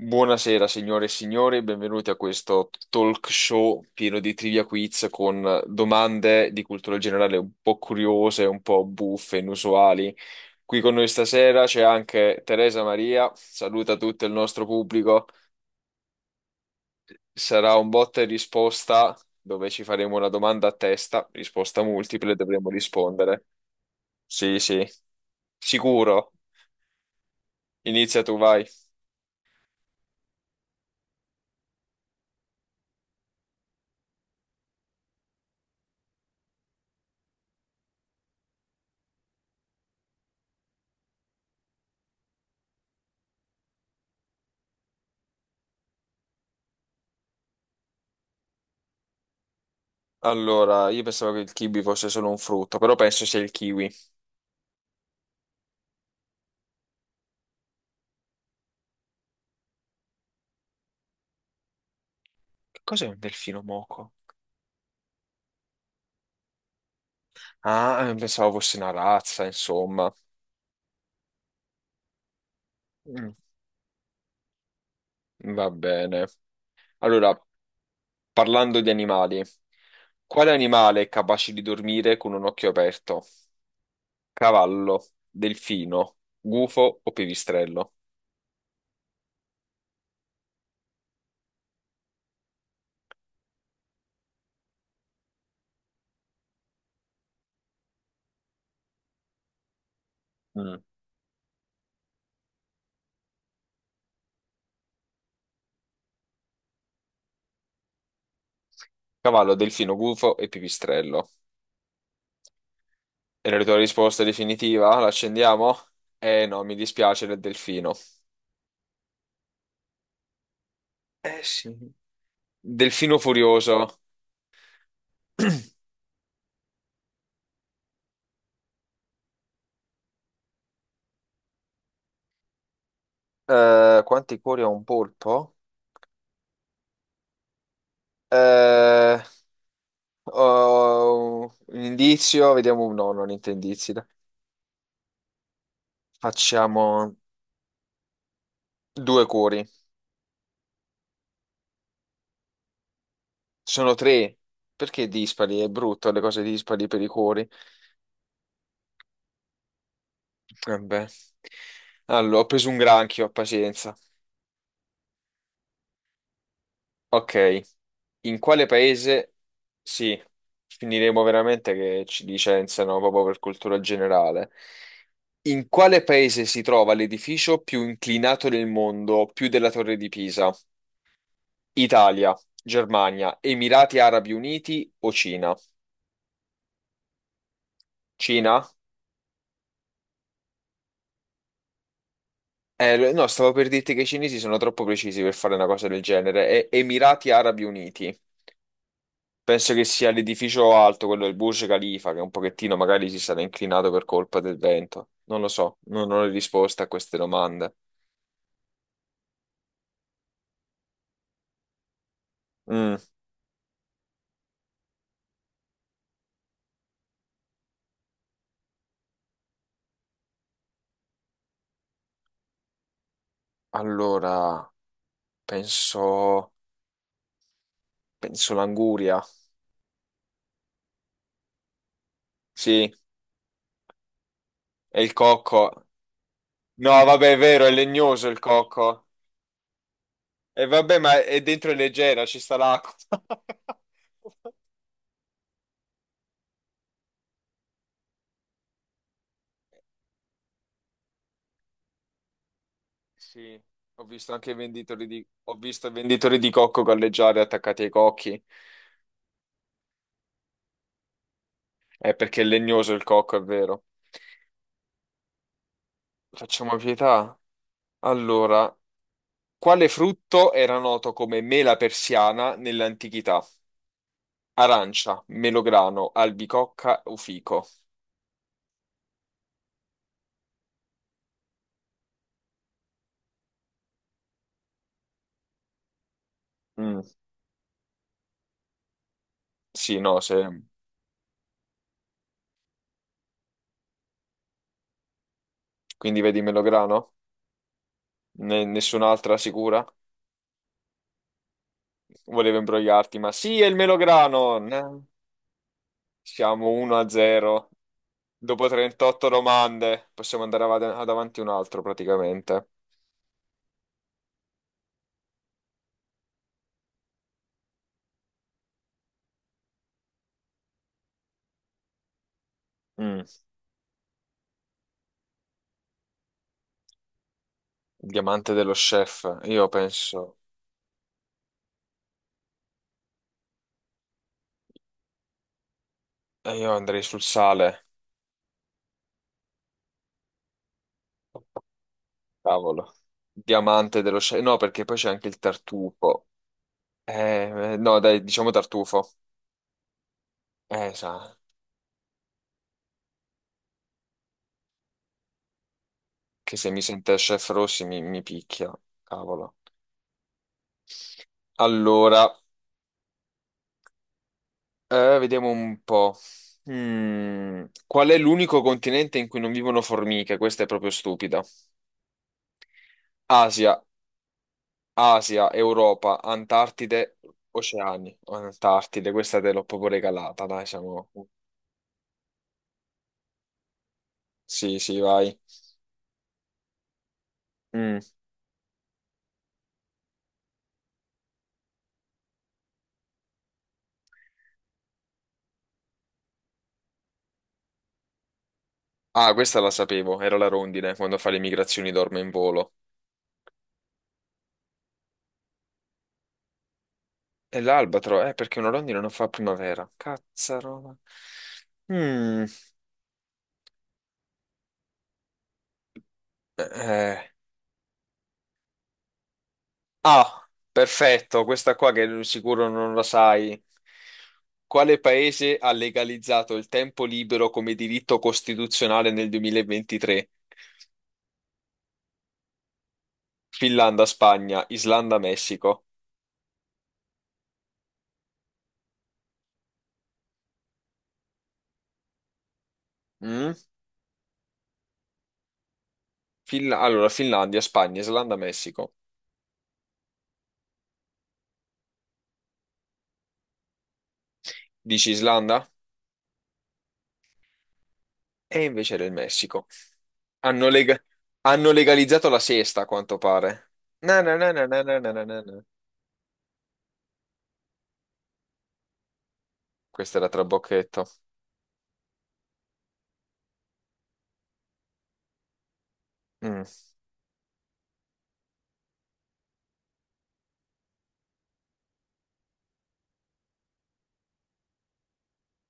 Buonasera signore e signori, benvenuti a questo talk show pieno di trivia quiz con domande di cultura generale un po' curiose, un po' buffe, inusuali. Qui con noi stasera c'è anche Teresa Maria, saluta tutto il nostro pubblico. Sarà un botta e risposta dove ci faremo una domanda a testa, risposta multiple, dovremo rispondere. Sì, sì, sicuro. Inizia tu, vai. Allora, io pensavo che il kiwi fosse solo un frutto, però penso sia il kiwi. Che cos'è un delfino moco? Ah, pensavo fosse una razza, insomma. Mm, va bene. Allora, parlando di animali, quale animale è capace di dormire con un occhio aperto? Cavallo, delfino, gufo o pipistrello? Mm. Cavallo, delfino, gufo e pipistrello. E la tua risposta definitiva? L'accendiamo? Eh no, mi dispiace del delfino. Eh sì. Delfino furioso. Quanti cuori ha un polpo? Eh, Oh, un indizio, vediamo. No, non indizi. Dai. Facciamo due cuori. Sono tre. Perché dispari? È brutto le cose dispari per i cuori. Vabbè. Allora, ho preso un granchio, pazienza. Ok. In quale paese? Sì, finiremo veramente che ci licenziano proprio per cultura generale. In quale paese si trova l'edificio più inclinato del mondo, più della Torre di Pisa? Italia, Germania, Emirati Arabi Uniti o Cina? Cina? No, stavo per dirti che i cinesi sono troppo precisi per fare una cosa del genere. Emirati Arabi Uniti. Penso che sia l'edificio alto, quello del Burj Khalifa, che un pochettino magari si sarà inclinato per colpa del vento. Non lo so, non ho le risposte a queste domande. Mm, allora, penso... penso l'anguria. Sì, è il cocco. No, vabbè, è vero, è legnoso il cocco. E vabbè, ma è dentro è leggera, ci sta l'acqua. Sì, ho visto i venditori di cocco galleggiare attaccati ai cocchi. È perché è legnoso il cocco, è vero. Facciamo pietà. Allora, quale frutto era noto come mela persiana nell'antichità? Arancia, melograno, albicocca o fico? Mm, sì, no, se. Quindi vedi melograno? Nessun'altra sicura? Volevo imbrogliarti, ma sì, è il melograno. No. Siamo 1-0. Dopo 38 domande possiamo andare ad avanti un altro praticamente. Mm, Il diamante dello chef. Io andrei sul sale. Cavolo. Diamante dello chef. No, perché poi c'è anche il tartufo. No, dai, diciamo tartufo. Sa, che se mi sente chef Rossi mi picchia. Cavolo. Allora, vediamo un po'. Qual è l'unico continente in cui non vivono formiche? Questa è proprio stupida. Asia, Asia, Europa, Antartide, Oceani. Antartide, questa te l'ho proprio regalata, dai, siamo. Sì, sì, vai. Mm. Ah, questa la sapevo, era la rondine, quando fa le migrazioni dorme in volo. E l'albatro, perché una rondine non fa primavera. Cazzarona. Mm. Eh. Ah, perfetto, questa qua che non- sicuro non la sai. Quale paese ha legalizzato il tempo libero come diritto costituzionale nel 2023? Finlandia, Spagna, Islanda, Messico. Mm? Allora, Finlandia, Spagna, Islanda, Messico. Dici Islanda? E invece era il Messico. Hanno, lega- hanno legalizzato la sesta, a quanto pare. Na, na, na, na, na, na, na, na, na. Questa era trabocchetto. Mm.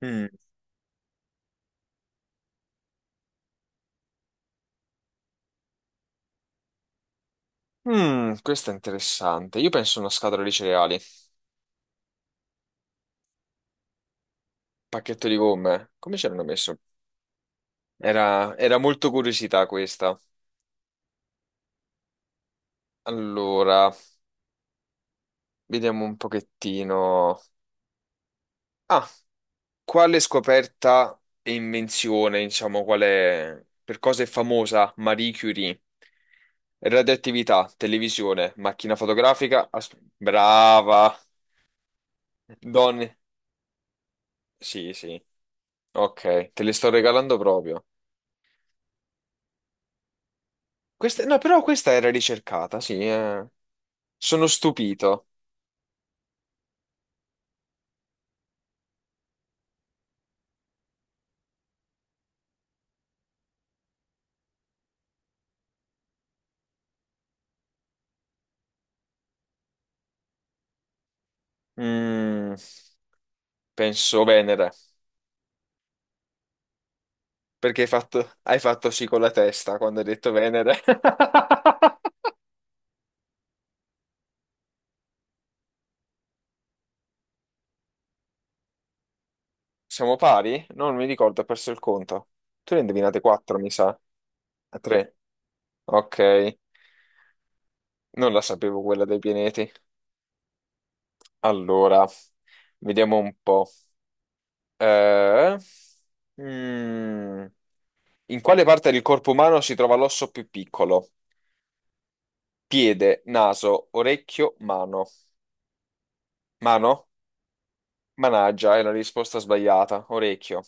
Mm. Questo è interessante. Io penso a una scatola di cereali, pacchetto di gomme. Come c'erano messo? Era molto curiosità questa. Allora, vediamo un pochettino. Ah, quale scoperta e invenzione, diciamo, quale per cosa è famosa Marie Curie? Radioattività, televisione, macchina fotografica. Brava! Donne. Sì, sì. Ok, te le sto regalando proprio. No, però questa era ricercata, sì. Sono stupito. Mm, Penso Venere, perché hai fatto sì con la testa quando hai detto Venere. Siamo pari? No, non mi ricordo, ho perso il conto. Tu ne hai indovinate 4, mi sa. A 3. Ok, non la sapevo quella dei pianeti. Allora, vediamo un po'. Eh, mm, In quale parte del corpo umano si trova l'osso più piccolo? Piede, naso, orecchio, mano. Mano? Managgia, è la risposta sbagliata. Orecchio.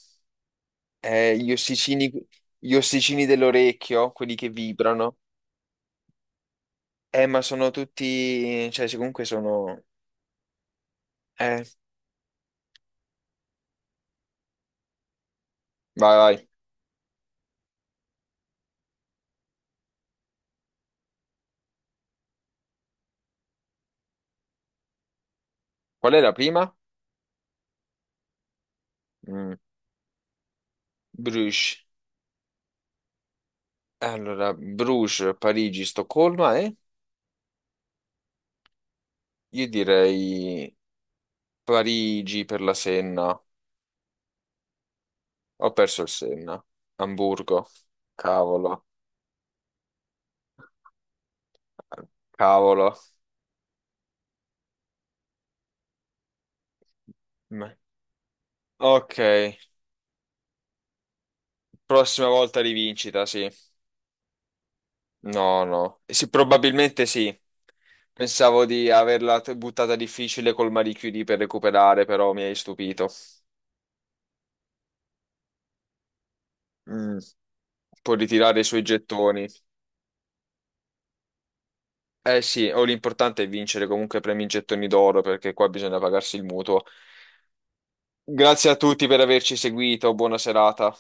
Eh, gli ossicini, gli ossicini dell'orecchio, quelli che vibrano. Ma sono tutti. Cioè, se comunque sono. Eh, Vai, vai. Qual è la prima? Mm, Bruges. Allora, Bruges, Parigi, Stoccolma e. Io direi Parigi per la Senna. Ho perso il Senna. Amburgo. Cavolo. Cavolo. Ok, prossima volta rivincita, sì. No, no. Sì, probabilmente sì. Pensavo di averla buttata difficile col Marie Curie per recuperare, però mi hai stupito. Mm. Può ritirare i suoi gettoni. Eh sì, o l'importante è vincere comunque premi in gettoni d'oro, perché qua bisogna pagarsi il mutuo. Grazie a tutti per averci seguito, buona serata.